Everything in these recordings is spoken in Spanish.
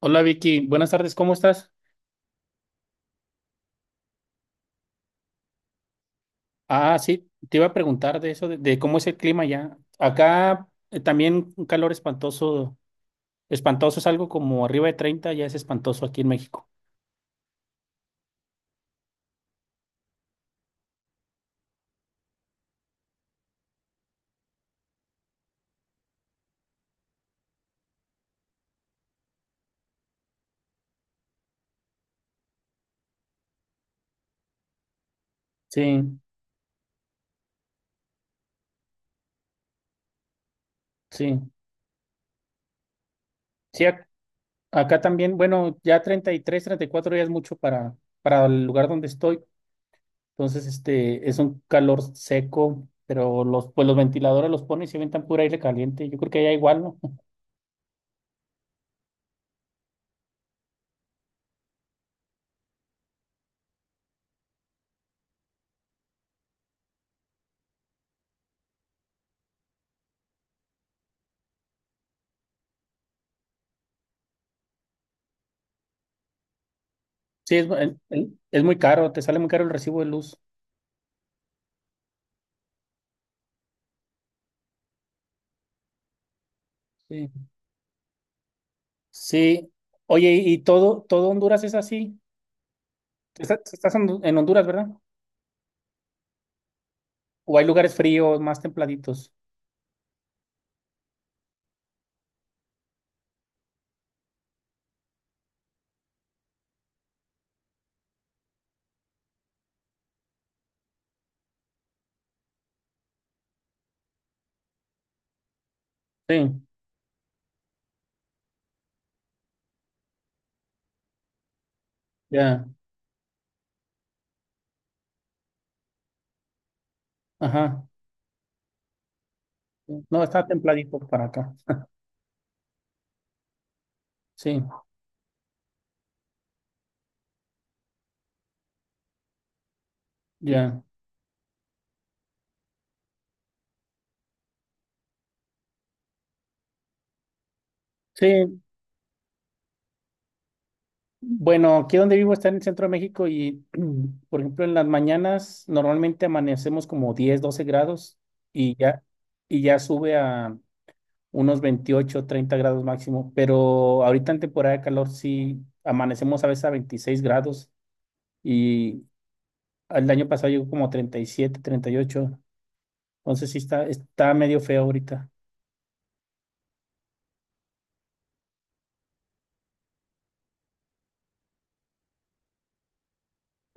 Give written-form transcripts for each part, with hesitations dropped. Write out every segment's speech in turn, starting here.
Hola Vicky, buenas tardes, ¿cómo estás? Ah, sí, te iba a preguntar de eso, de cómo es el clima ya. Acá también un calor espantoso, espantoso es algo como arriba de 30 ya es espantoso aquí en México. Sí, sí, sí, ac- Acá también, bueno, ya treinta y tres, treinta y cuatro ya es mucho para el lugar donde estoy. Entonces, este, es un calor seco, pero pues los ventiladores los ponen y se ventan pura aire caliente. Yo creo que allá igual, ¿no? Sí, es, es muy caro, te sale muy caro el recibo de luz. Sí. Sí. Oye, ¿y todo Honduras es así? ¿Estás en Honduras, ¿verdad? ¿O hay lugares fríos, más templaditos? Sí, ya. Ajá. No, está templadito para acá. Sí, ya. Sí, bueno, aquí donde vivo está en el centro de México y, por ejemplo, en las mañanas normalmente amanecemos como 10, 12 grados y ya, y ya sube a unos 28, 30 grados máximo, pero ahorita en temporada de calor sí amanecemos a veces a 26 grados. Y el año pasado llegó como treinta y siete, treinta y ocho. Entonces sí está, está medio feo ahorita.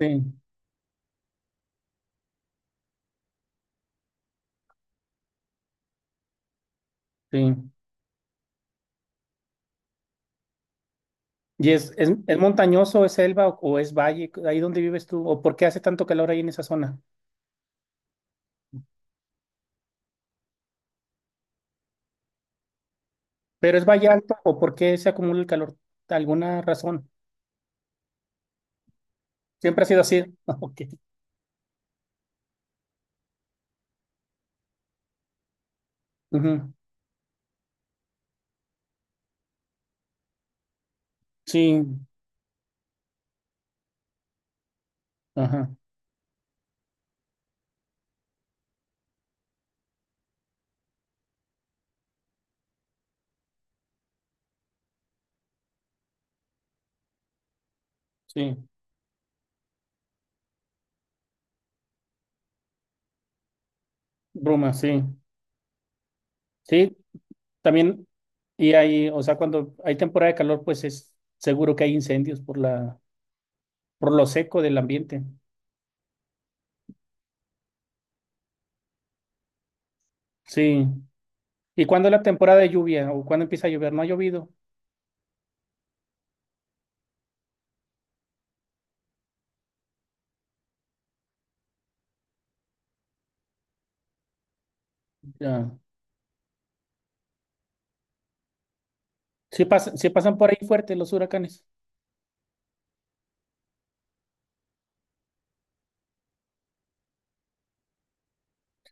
Sí, sí. ¿Y es montañoso, es selva o es valle? ¿Ahí donde vives tú? ¿O por qué hace tanto calor ahí en esa zona? ¿Pero es valle alto o por qué se acumula el calor? ¿Alguna razón? ¿Siempre ha sido así? Ok. Ujú. Sí, ajá, sí. Bruma, sí. Sí, también. Y hay, o sea, cuando hay temporada de calor, pues es seguro que hay incendios por lo seco del ambiente. Sí. ¿Y cuándo es la temporada de lluvia o cuándo empieza a llover? No ha llovido. Ya. Sí, sí pasan por ahí fuertes los huracanes.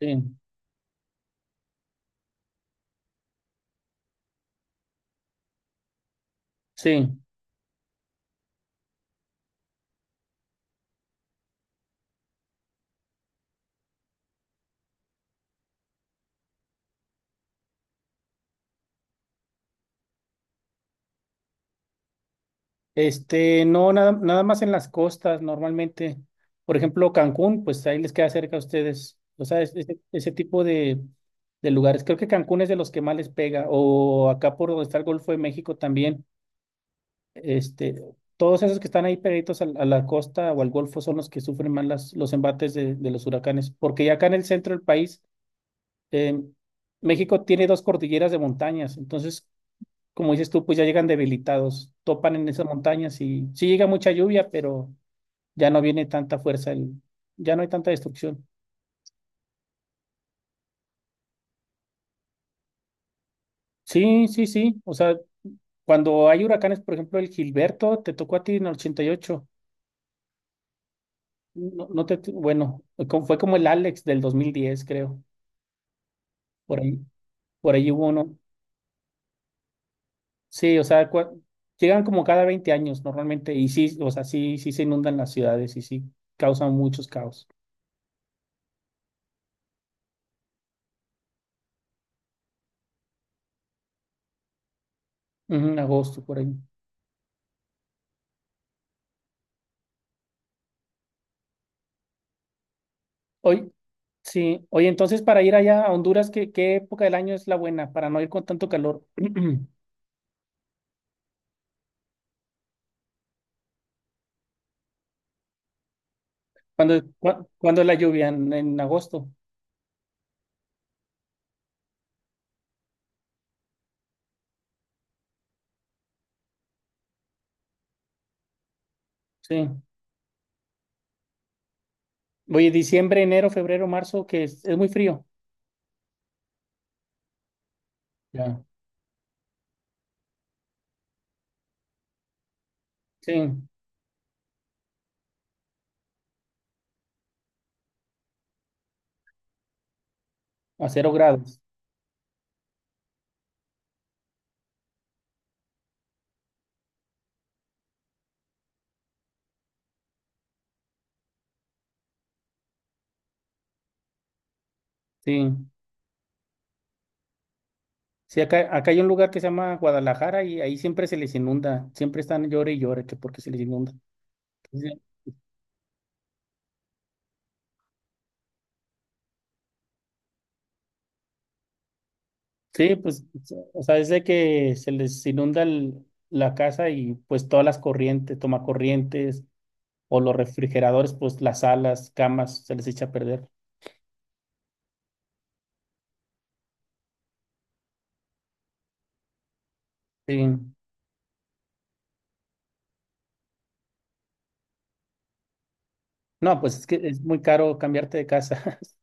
Sí, sí. Este, no, nada más en las costas normalmente. Por ejemplo, Cancún, pues ahí les queda cerca a ustedes. O sea, ese tipo de lugares. Creo que Cancún es de los que más les pega. O acá por donde está el Golfo de México también. Este, todos esos que están ahí pegaditos la costa o al Golfo son los que sufren más los embates de los huracanes. Porque ya acá en el centro del país Eh, México tiene dos cordilleras de montañas, entonces, como dices tú, pues ya llegan debilitados, topan en esas montañas y sí llega mucha lluvia, pero ya no viene tanta ya no hay tanta destrucción. Sí, sí, sí, o sea, cuando hay huracanes, por ejemplo, el Gilberto te tocó a ti en el 88, no, no te, bueno, como- fue como el Alex del 2010, creo, por ahí, por ahí hubo uno. Sí, o sea, llegan como cada 20 años normalmente y sí, o sea, sí, sí se inundan las ciudades y sí causan muchos caos. Ujú. En agosto, por ahí. Hoy, sí, oye, entonces para ir allá a Honduras, qué época del año es la buena para no ir con tanto calor? Cuando es la lluvia? En agosto, sí. Oye, diciembre, enero, febrero, marzo, que es muy frío. Ya. Sí, a cero grados, sí. Sí, acá hay un lugar que se llama Guadalajara y ahí siempre se les inunda, siempre están llore y llore que porque se les inunda. Entonces, sí, pues, o sea, es de que se les inunda la casa y pues todas las corrientes, tomacorrientes o los refrigeradores, pues las salas, camas, se les echa a perder. Sí. No, pues es que es muy caro cambiarte de casa.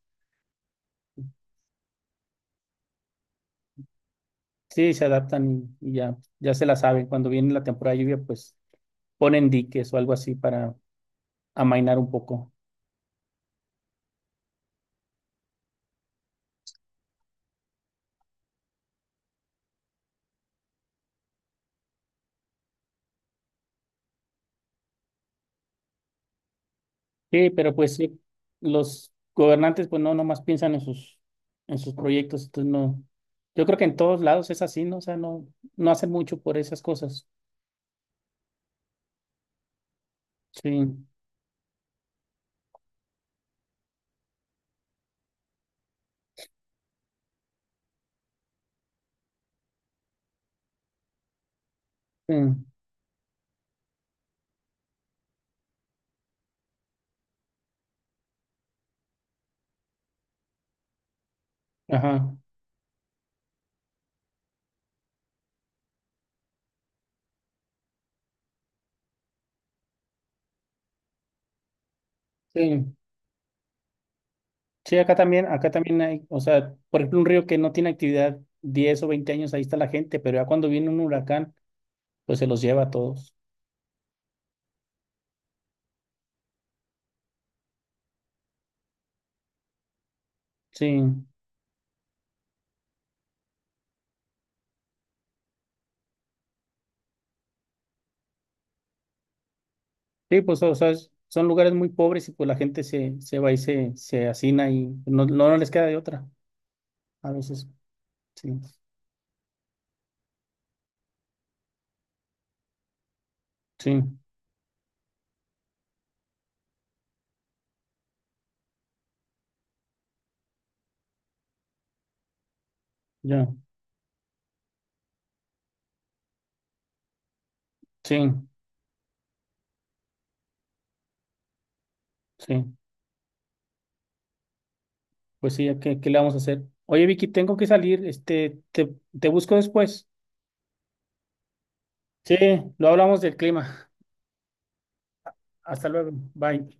Sí, se adaptan y ya, ya se la saben. Cuando viene la temporada de lluvia, pues ponen diques o algo así para amainar un poco. Sí, pero pues sí, los gobernantes pues no nomás piensan en sus proyectos, entonces no. Yo creo que en todos lados es así, ¿no? O sea, no hacen mucho por esas cosas. Sí. Sí. Ajá. Sí. Sí, acá también hay, o sea, por ejemplo, un río que no tiene actividad 10 o 20 años, ahí está la gente, pero ya cuando viene un huracán, pues se los lleva a todos. Sí. Sí, pues o sea, son lugares muy pobres y pues la gente se va y se hacina y no les queda de otra a veces. Sí. Sí, ya, sí, sí. Pues sí, ¿a ¿qué, qué le vamos a hacer? Oye, Vicky, tengo que salir. Este, te busco después. Sí, lo hablamos del clima. Hasta luego. Bye.